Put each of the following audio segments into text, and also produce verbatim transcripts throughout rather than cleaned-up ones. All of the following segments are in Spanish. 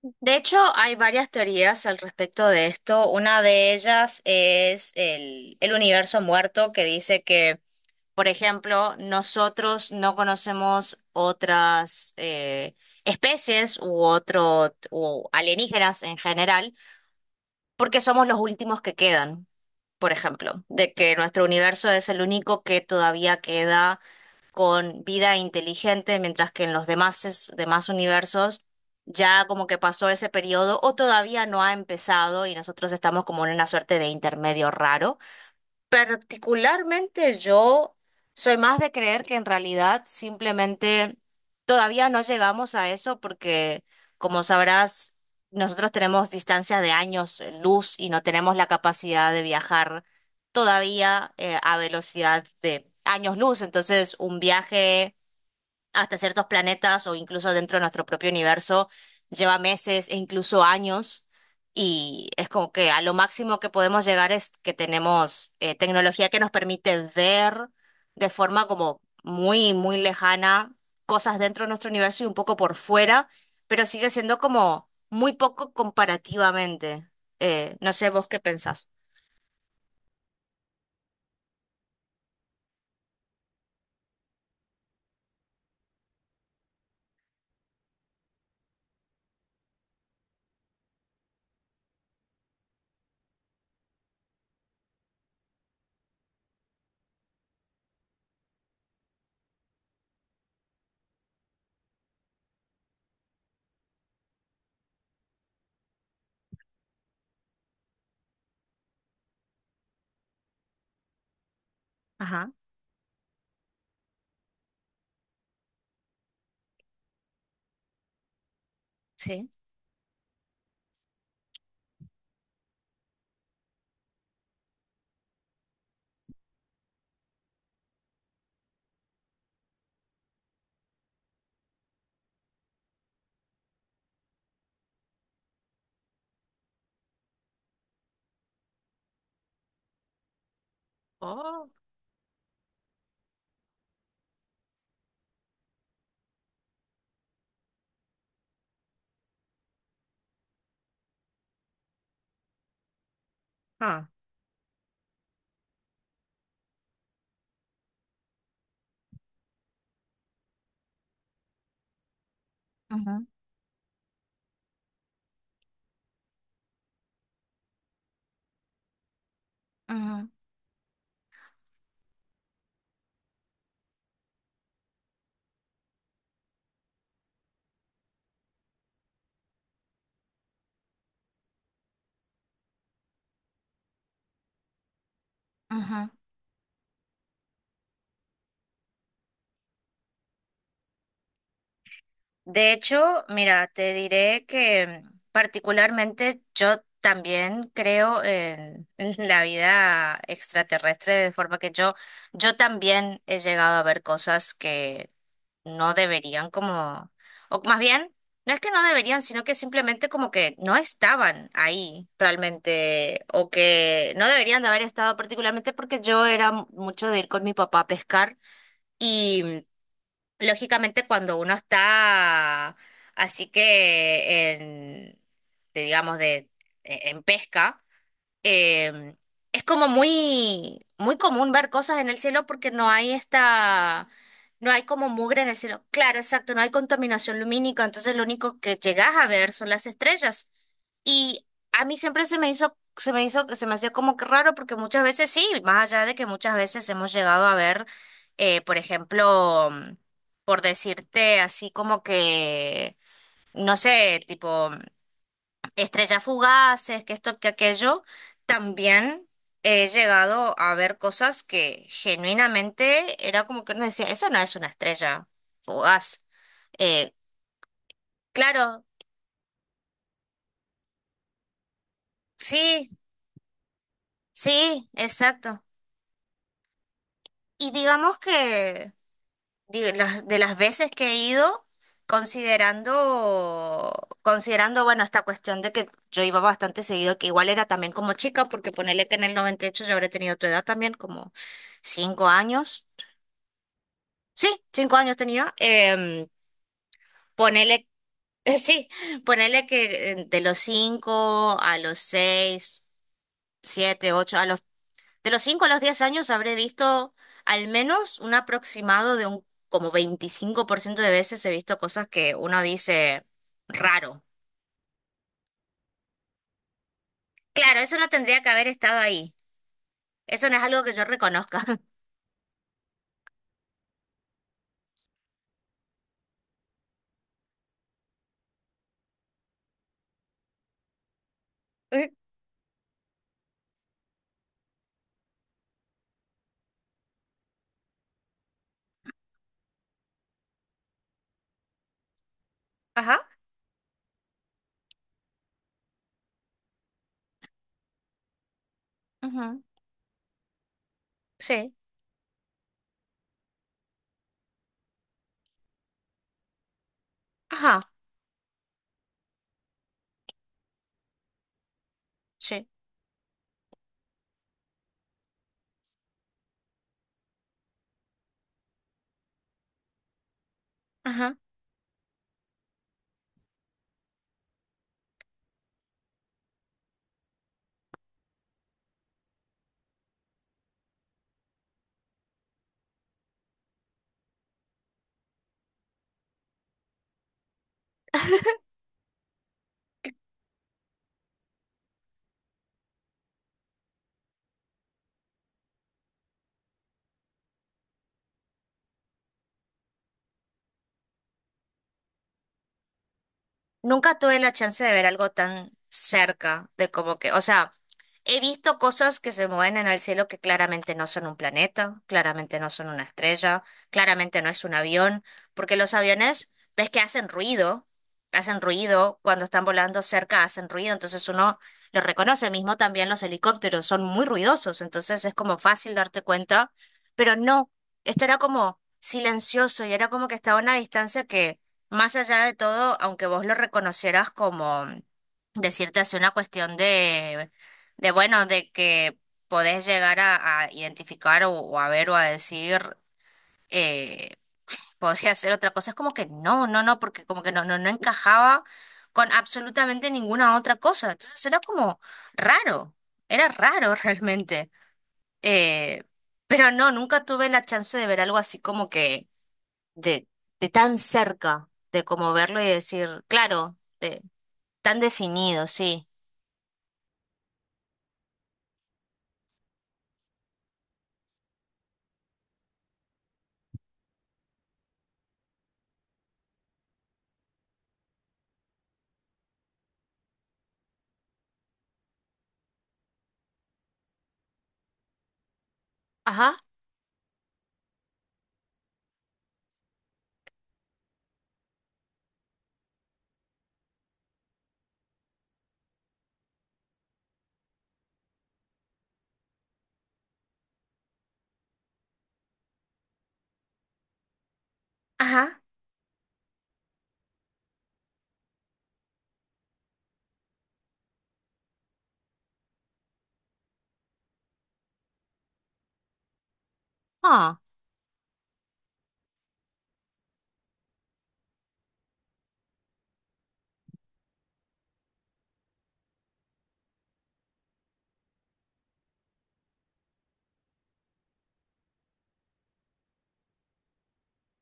De hecho, hay varias teorías al respecto de esto. Una de ellas es el, el universo muerto, que dice que, por ejemplo, nosotros no conocemos otras eh, especies u otro u alienígenas en general, porque somos los últimos que quedan, por ejemplo, de que nuestro universo es el único que todavía queda con vida inteligente, mientras que en los demás, es- demás universos ya como que pasó ese periodo o todavía no ha empezado y nosotros estamos como en una suerte de intermedio raro. Particularmente yo soy más de creer que en realidad simplemente todavía no llegamos a eso porque, como sabrás, nosotros tenemos distancias de años luz y no tenemos la capacidad de viajar todavía eh, a velocidad de años luz. Entonces, un viaje hasta ciertos planetas o incluso dentro de nuestro propio universo lleva meses e incluso años y es como que a lo máximo que podemos llegar es que tenemos eh, tecnología que nos permite ver de forma como muy, muy lejana cosas dentro de nuestro universo y un poco por fuera, pero sigue siendo como muy poco comparativamente. Eh, no sé vos qué pensás. Ajá, sí. Oh, ah. Ujú, ujú, ujú. De hecho, mira, te diré que mm, particularmente yo también creo en la vida extraterrestre, de forma que yo, yo también he llegado a ver cosas que no deberían como, o más bien, no es que no deberían, sino que simplemente como que no estaban ahí realmente, o que no deberían de haber estado particularmente porque yo era mucho de ir con mi papá a pescar. Y mm, lógicamente, cuando uno está así que en, de, digamos, de, e, en pesca, eh, es como muy, muy común ver cosas en el cielo porque no hay esta, no hay como mugre en el cielo. Claro, exacto, no hay contaminación lumínica, entonces lo único que llegas a ver son las estrellas. Y a mí siempre se me hizo, se me hizo, se me hacía como que raro porque muchas veces sí, más allá de que muchas veces hemos llegado a ver, eh, por ejemplo, mm, por decirte así como que, no sé, tipo estrellas fugaces, que esto, que aquello, también he llegado a ver cosas que genuinamente era como que uno decía, eso no es una estrella fugaz. Eh, claro, sí, sí, exacto. Y digamos que di- las- de las veces que he ido, considerando, considerando, bueno, esta cuestión de que yo iba bastante seguido, que igual era también como chica, porque ponele que en el noventa y ocho yo habré tenido tu edad también, como cinco años. Sí, cinco años tenía. Em, ponele, sí, ponele que eh, de los cinco a los seis, siete, ocho, a los, de los cinco a los diez años habré visto al menos un aproximado de un como veinticinco por ciento de veces he visto cosas que uno dice raro. Claro, eso no tendría que haber estado ahí. Eso no es algo que yo reconozca. Eh, Ajá. Ujú, sí. Ajá. Sí. Ajá. Nunca tuve la chance de ver algo tan cerca de como que, o sea. He visto cosas que se mueven en el cielo que claramente no son un planeta, claramente no son una estrella, claramente no es un avión, porque los aviones, ves que hacen ruido, hacen ruido cuando están volando cerca, hacen ruido, entonces uno lo reconoce, mismo también los helicópteros son muy ruidosos, entonces es como fácil darte cuenta, pero no, esto era como silencioso y era como que estaba a una distancia que más allá de todo, aunque vos lo reconocieras como decirte hace una cuestión de de bueno, de que podés llegar a, a identificar o, o a ver o a decir, eh, podría hacer otra cosa. Es como que no, no, no, porque como que no, no, no encajaba con absolutamente ninguna otra cosa. Entonces era como raro, era raro realmente. Eh, pero no, nunca tuve la chance de ver algo así como que de, de tan cerca, de como verlo y decir, claro, de, tan definido, sí. Ajá, ajá.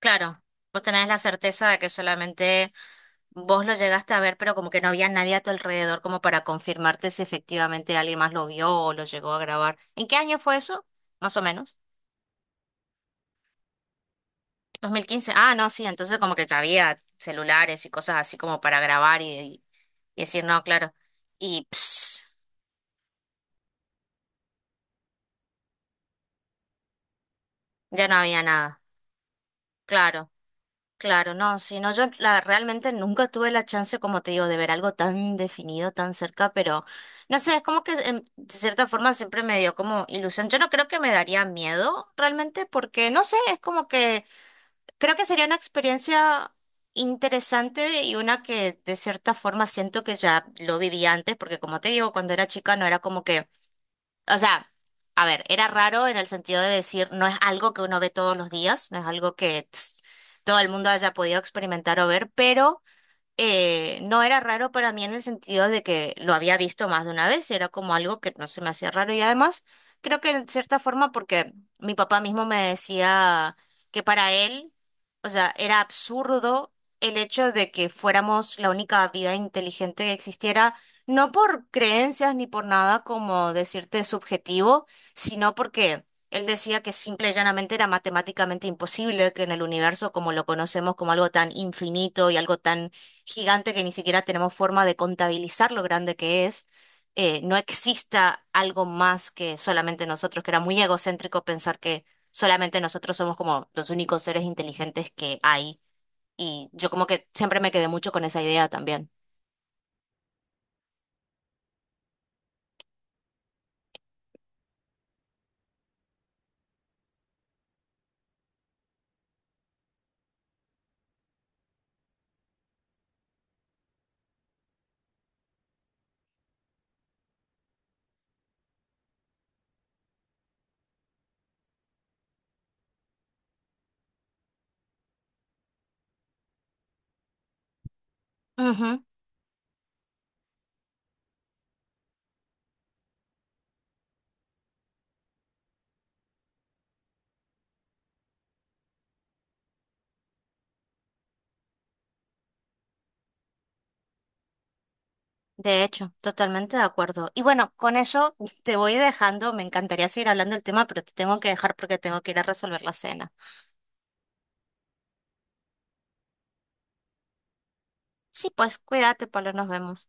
Claro, vos tenés la certeza de que solamente vos lo llegaste a ver, pero como que no había nadie a tu alrededor como para confirmarte si efectivamente alguien más lo vio o lo llegó a grabar. ¿En qué año fue eso? Más o menos. Dos mil quince. Ah, no, sí, entonces como que ya había celulares y cosas así como para grabar y, y decir, no, claro. Y pss, ya no había nada. Claro. Claro, no, si no, yo la, realmente nunca tuve la chance, como te digo, de ver algo tan definido, tan cerca, pero no sé, es como que en- de cierta forma siempre me dio como ilusión. Yo no creo que me daría miedo realmente, porque no sé, es como que creo que sería una experiencia interesante y una que de cierta forma siento que ya lo viví antes, porque como te digo, cuando era chica no era como que o sea, a ver, era raro en el sentido de decir, no es algo que uno ve todos los días, no es algo que tss, todo el mundo haya podido experimentar o ver, pero eh, no era raro para mí en el sentido de que lo había visto más de una vez, era como algo que no se me hacía raro y además creo que en cierta forma porque mi papá mismo me decía que para él, o sea, era absurdo el hecho de que fuéramos la única vida inteligente que existiera, no por creencias ni por nada como decirte subjetivo, sino porque... Él decía que simple y llanamente era matemáticamente imposible que en el universo como lo conocemos como algo tan infinito y algo tan gigante que ni siquiera tenemos forma de contabilizar lo grande que es, eh, no exista algo más que solamente nosotros, que era muy egocéntrico pensar que solamente nosotros somos como los únicos seres inteligentes que hay. Y yo como que siempre me quedé mucho con esa idea también. Ujú, de hecho, totalmente de acuerdo. Y bueno, con eso te voy dejando. Me encantaría seguir hablando del tema, pero te tengo que dejar porque tengo que ir a resolver la cena. Sí, pues cuídate, Pablo, nos vemos.